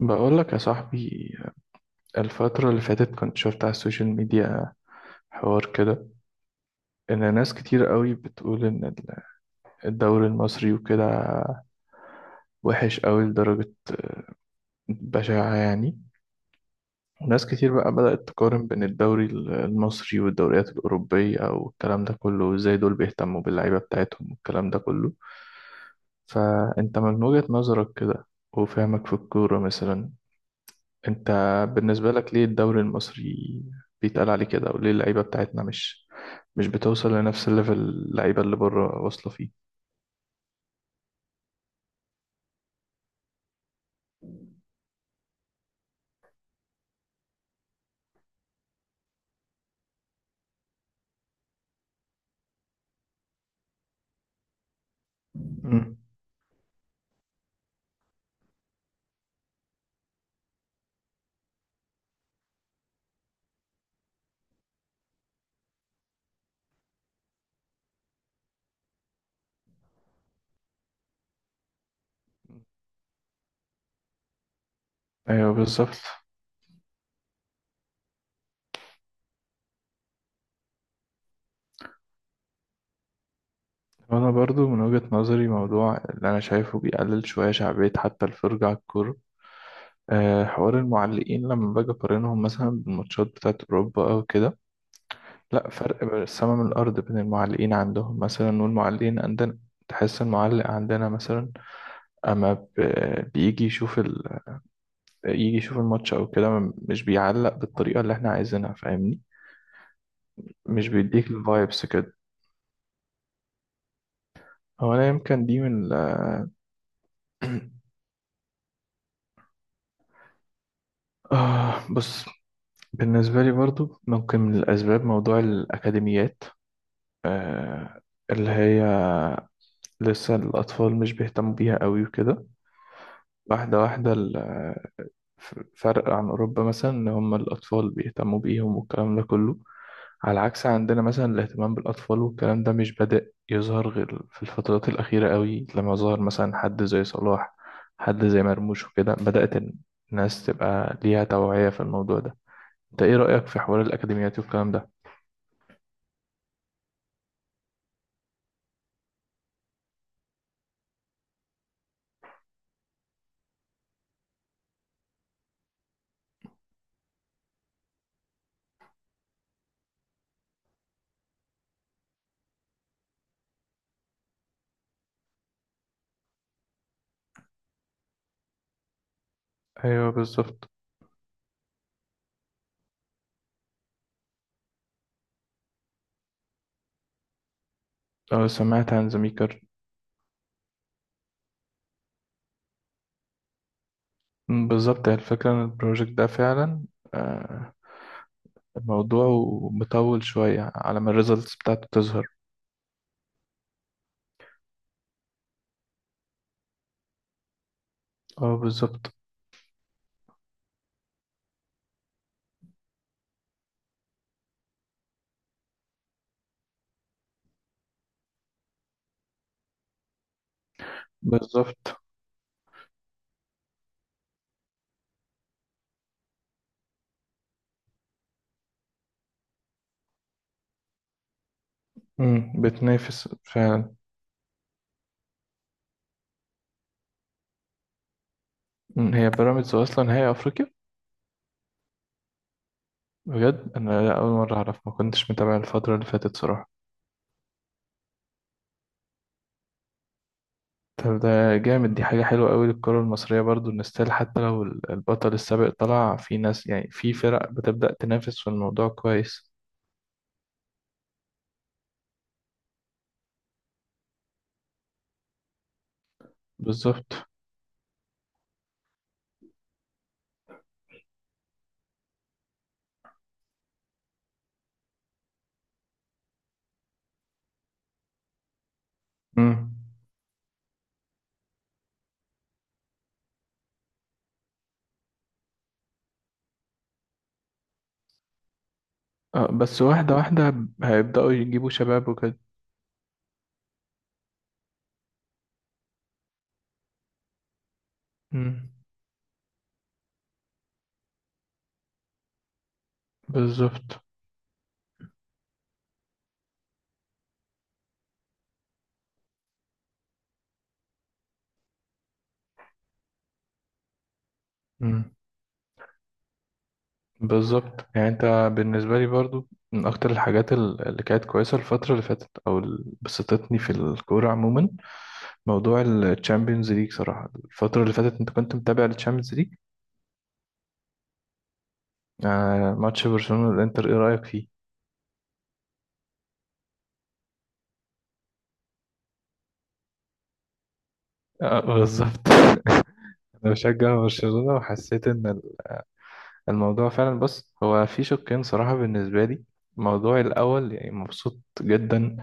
بقول لك يا صاحبي، الفترة اللي فاتت كنت شفت على السوشيال ميديا حوار كده إن ناس كتير قوي بتقول إن الدوري المصري وكده وحش قوي لدرجة بشعة يعني. وناس كتير بقى بدأت تقارن بين الدوري المصري والدوريات الأوروبية والكلام ده كله، وإزاي دول بيهتموا باللعيبة بتاعتهم والكلام ده كله. فأنت من وجهة نظرك كده وفهمك في الكورة مثلا، انت بالنسبة لك ليه الدوري المصري بيتقال عليه كده، وليه اللعيبة بتاعتنا مش بتوصل لنفس الليفل اللعيبة اللي بره واصلة فيه؟ مم. ايوه بالظبط. وانا برضو من وجهة نظري، موضوع اللي انا شايفه بيقلل شوية شعبية حتى الفرجة على الكورة، أه، حوار المعلقين. لما باجي اقارنهم مثلا بالماتشات بتاعت اوروبا او كده، لا، فرق بين السما من الارض بين المعلقين عندهم مثلا والمعلقين عندنا. تحس المعلق عندنا مثلا اما بيجي يشوف يجي يشوف الماتش او كده مش بيعلق بالطريقه اللي احنا عايزينها، فاهمني؟ مش بيديك الفايبس كده. هو انا يمكن دي من آه، بص، بالنسبه لي برضو ممكن من الاسباب موضوع الاكاديميات، اللي هي لسه الاطفال مش بيهتموا بيها قوي وكده. واحده واحده فرق عن اوروبا مثلا، ان هم الاطفال بيهتموا بيهم والكلام ده كله، على عكس عندنا مثلا. الاهتمام بالأطفال والكلام ده مش بدأ يظهر غير في الفترات الأخيرة قوي، لما ظهر مثلا حد زي صلاح، حد زي مرموش، وكده بدأت الناس تبقى ليها توعية في الموضوع ده. انت ايه رأيك في حوار الأكاديميات والكلام ده؟ ايوه بالظبط. اه سمعت عن زميكر. مم، بالظبط، هي الفكرة ان البروجكت ده فعلا آه، الموضوع مطول شوية على ما الريزلتس بتاعته تظهر. اه بالظبط. بالظبط. مم، بتنافس فعلا. مم، هي بيراميدز اصلا هي افريقيا. بجد انا اول مره اعرف، ما كنتش متابع الفتره اللي فاتت صراحه. طب ده جامد، دي حاجه حلوه قوي للكره المصريه برضو، ان ستيل حتى لو البطل السابق طلع، في ناس يعني في فرق بتبدا تنافس في الموضوع كويس. بالظبط. امم. آه بس واحده واحده، هيبداوا يجيبوا شباب وكده. امم. بالظبط. بالظبط يعني انت، بالنسبه لي برضو من اكتر الحاجات اللي كانت كويسه الفتره اللي فاتت او اللي بسطتني في الكوره عموما، موضوع الشامبيونز ليج صراحه. الفتره اللي فاتت انت كنت متابع الشامبيونز ليج؟ آه، ماتش برشلونه والانتر، ايه رايك فيه؟ آه بالظبط. انا بشجع برشلونه وحسيت ان الموضوع فعلا، بص هو في شقين صراحة بالنسبة لي. الموضوع الأول، يعني مبسوط جدا.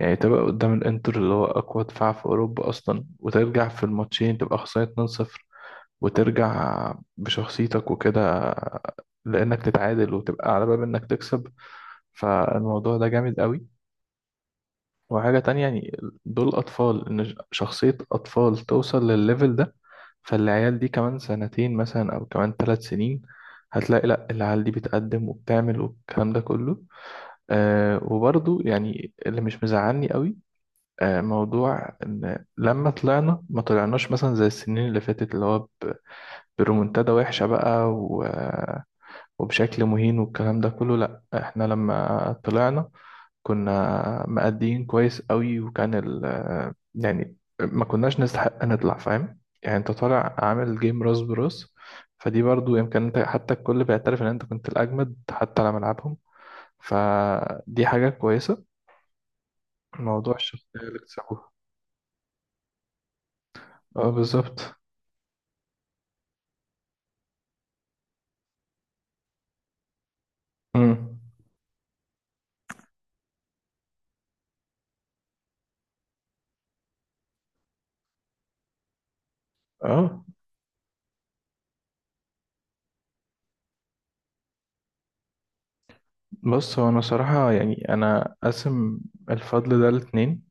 يعني تبقى قدام الإنتر اللي هو أقوى دفاع في أوروبا أصلا، وترجع في الماتشين تبقى خسران 2-0 وترجع بشخصيتك وكده، لأنك تتعادل وتبقى على باب إنك تكسب، فالموضوع ده جامد قوي. وحاجة تانية يعني، دول أطفال، إن شخصية أطفال توصل للليفل ده، فالعيال دي كمان سنتين مثلا أو كمان ثلاث سنين هتلاقي، لأ، العيال دي بتقدم وبتعمل والكلام ده كله. آه، وبرضو يعني اللي مش مزعلني قوي، آه، موضوع إن لما طلعنا ما طلعناش مثلا زي السنين اللي فاتت، اللي هو برومنتادا وحشة بقى وبشكل مهين والكلام ده كله، لأ، احنا لما طلعنا كنا مأديين كويس قوي، وكان يعني ما كناش نستحق نطلع، فاهم؟ يعني انت طالع عامل جيم راس براس، فدي برضو يمكن انت، حتى الكل بيعترف ان انت كنت الأجمد حتى على ملعبهم، فدي حاجة كويسة. موضوع الشخصية اللي اكتسبوها. اه بالظبط. امم. اه، بص، هو انا صراحة يعني انا قاسم الفضل ده لاتنين،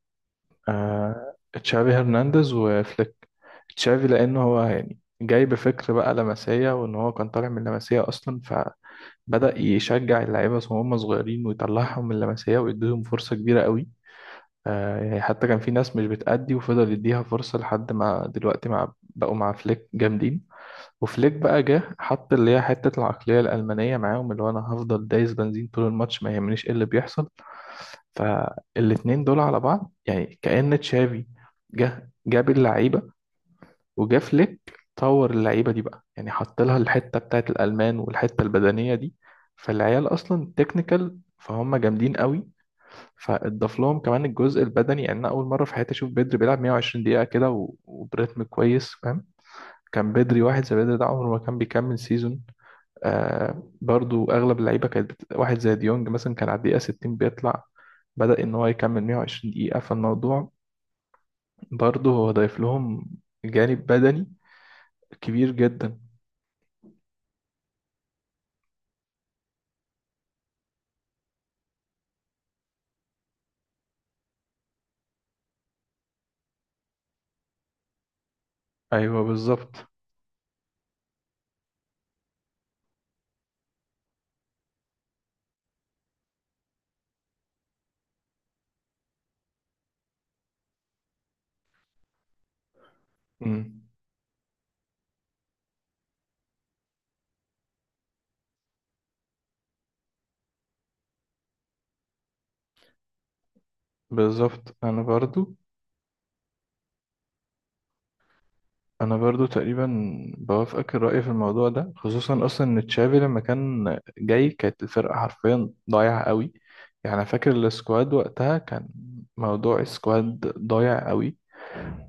آه، تشافي هرنانديز وفليك. تشافي لأنه هو يعني جاي بفكر بقى لمسية، وإن هو كان طالع من لمسية أصلا، فبدأ يشجع اللعيبة وهم صغيرين ويطلعهم من لمسية ويديهم فرصة كبيرة قوي. آه، يعني حتى كان في ناس مش بتأدي وفضل يديها فرصة لحد ما دلوقتي مع بقوا مع فليك جامدين. وفليك بقى جه حط اللي هي حتة العقلية الألمانية معاهم، اللي هو أنا هفضل دايس بنزين طول الماتش ما يهمنيش إيه اللي بيحصل. فالاتنين دول على بعض، يعني كأن تشافي جه جاب اللعيبة، وجا فليك طور اللعيبة دي بقى، يعني حط لها الحتة بتاعت الألمان والحتة البدنية دي. فالعيال أصلا تكنيكال، فهم جامدين قوي، فاضاف لهم كمان الجزء البدني. يعني انا اول مره في حياتي اشوف بدري بيلعب 120 دقيقه كده وبريتم كويس، فاهم؟ كان بدري، واحد زي بدري ده عمره ما كان بيكمل سيزون. آه، برضو اغلب اللعيبه كانت واحد زي ديونج مثلا كان على الدقيقه 60 بيطلع، بدأ ان هو يكمل 120 دقيقه، فالموضوع برضو هو ضايف لهم جانب بدني كبير جدا. ايوه بالظبط. مم. بالظبط. انا برضو تقريبا بوافقك الرأي في الموضوع ده، خصوصا اصلا ان تشافي لما كان جاي كانت الفرقه حرفيا ضايعه قوي. يعني أنا فاكر السكواد وقتها كان، موضوع السكواد ضايع قوي،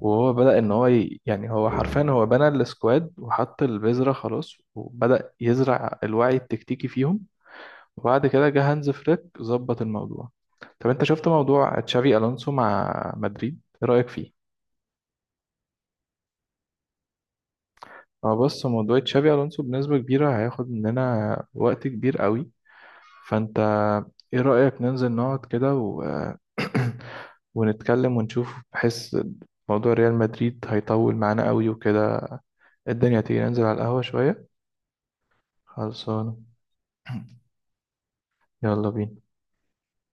وهو بدأ إن هو يعني هو حرفيا هو بنى السكواد وحط البذرة خلاص، وبدأ يزرع الوعي التكتيكي فيهم، وبعد كده جه هانز فليك ظبط الموضوع. طب أنت شفت موضوع تشافي ألونسو مع مدريد، إيه رأيك فيه؟ هو بص، موضوع تشافي ألونسو بنسبة كبيرة هياخد مننا وقت كبير قوي، فأنت إيه رأيك ننزل نقعد كده و... ونتكلم ونشوف، بحيث موضوع ريال مدريد هيطول معانا قوي وكده. الدنيا تيجي ننزل على القهوة شوية خلصانة. يلا بينا.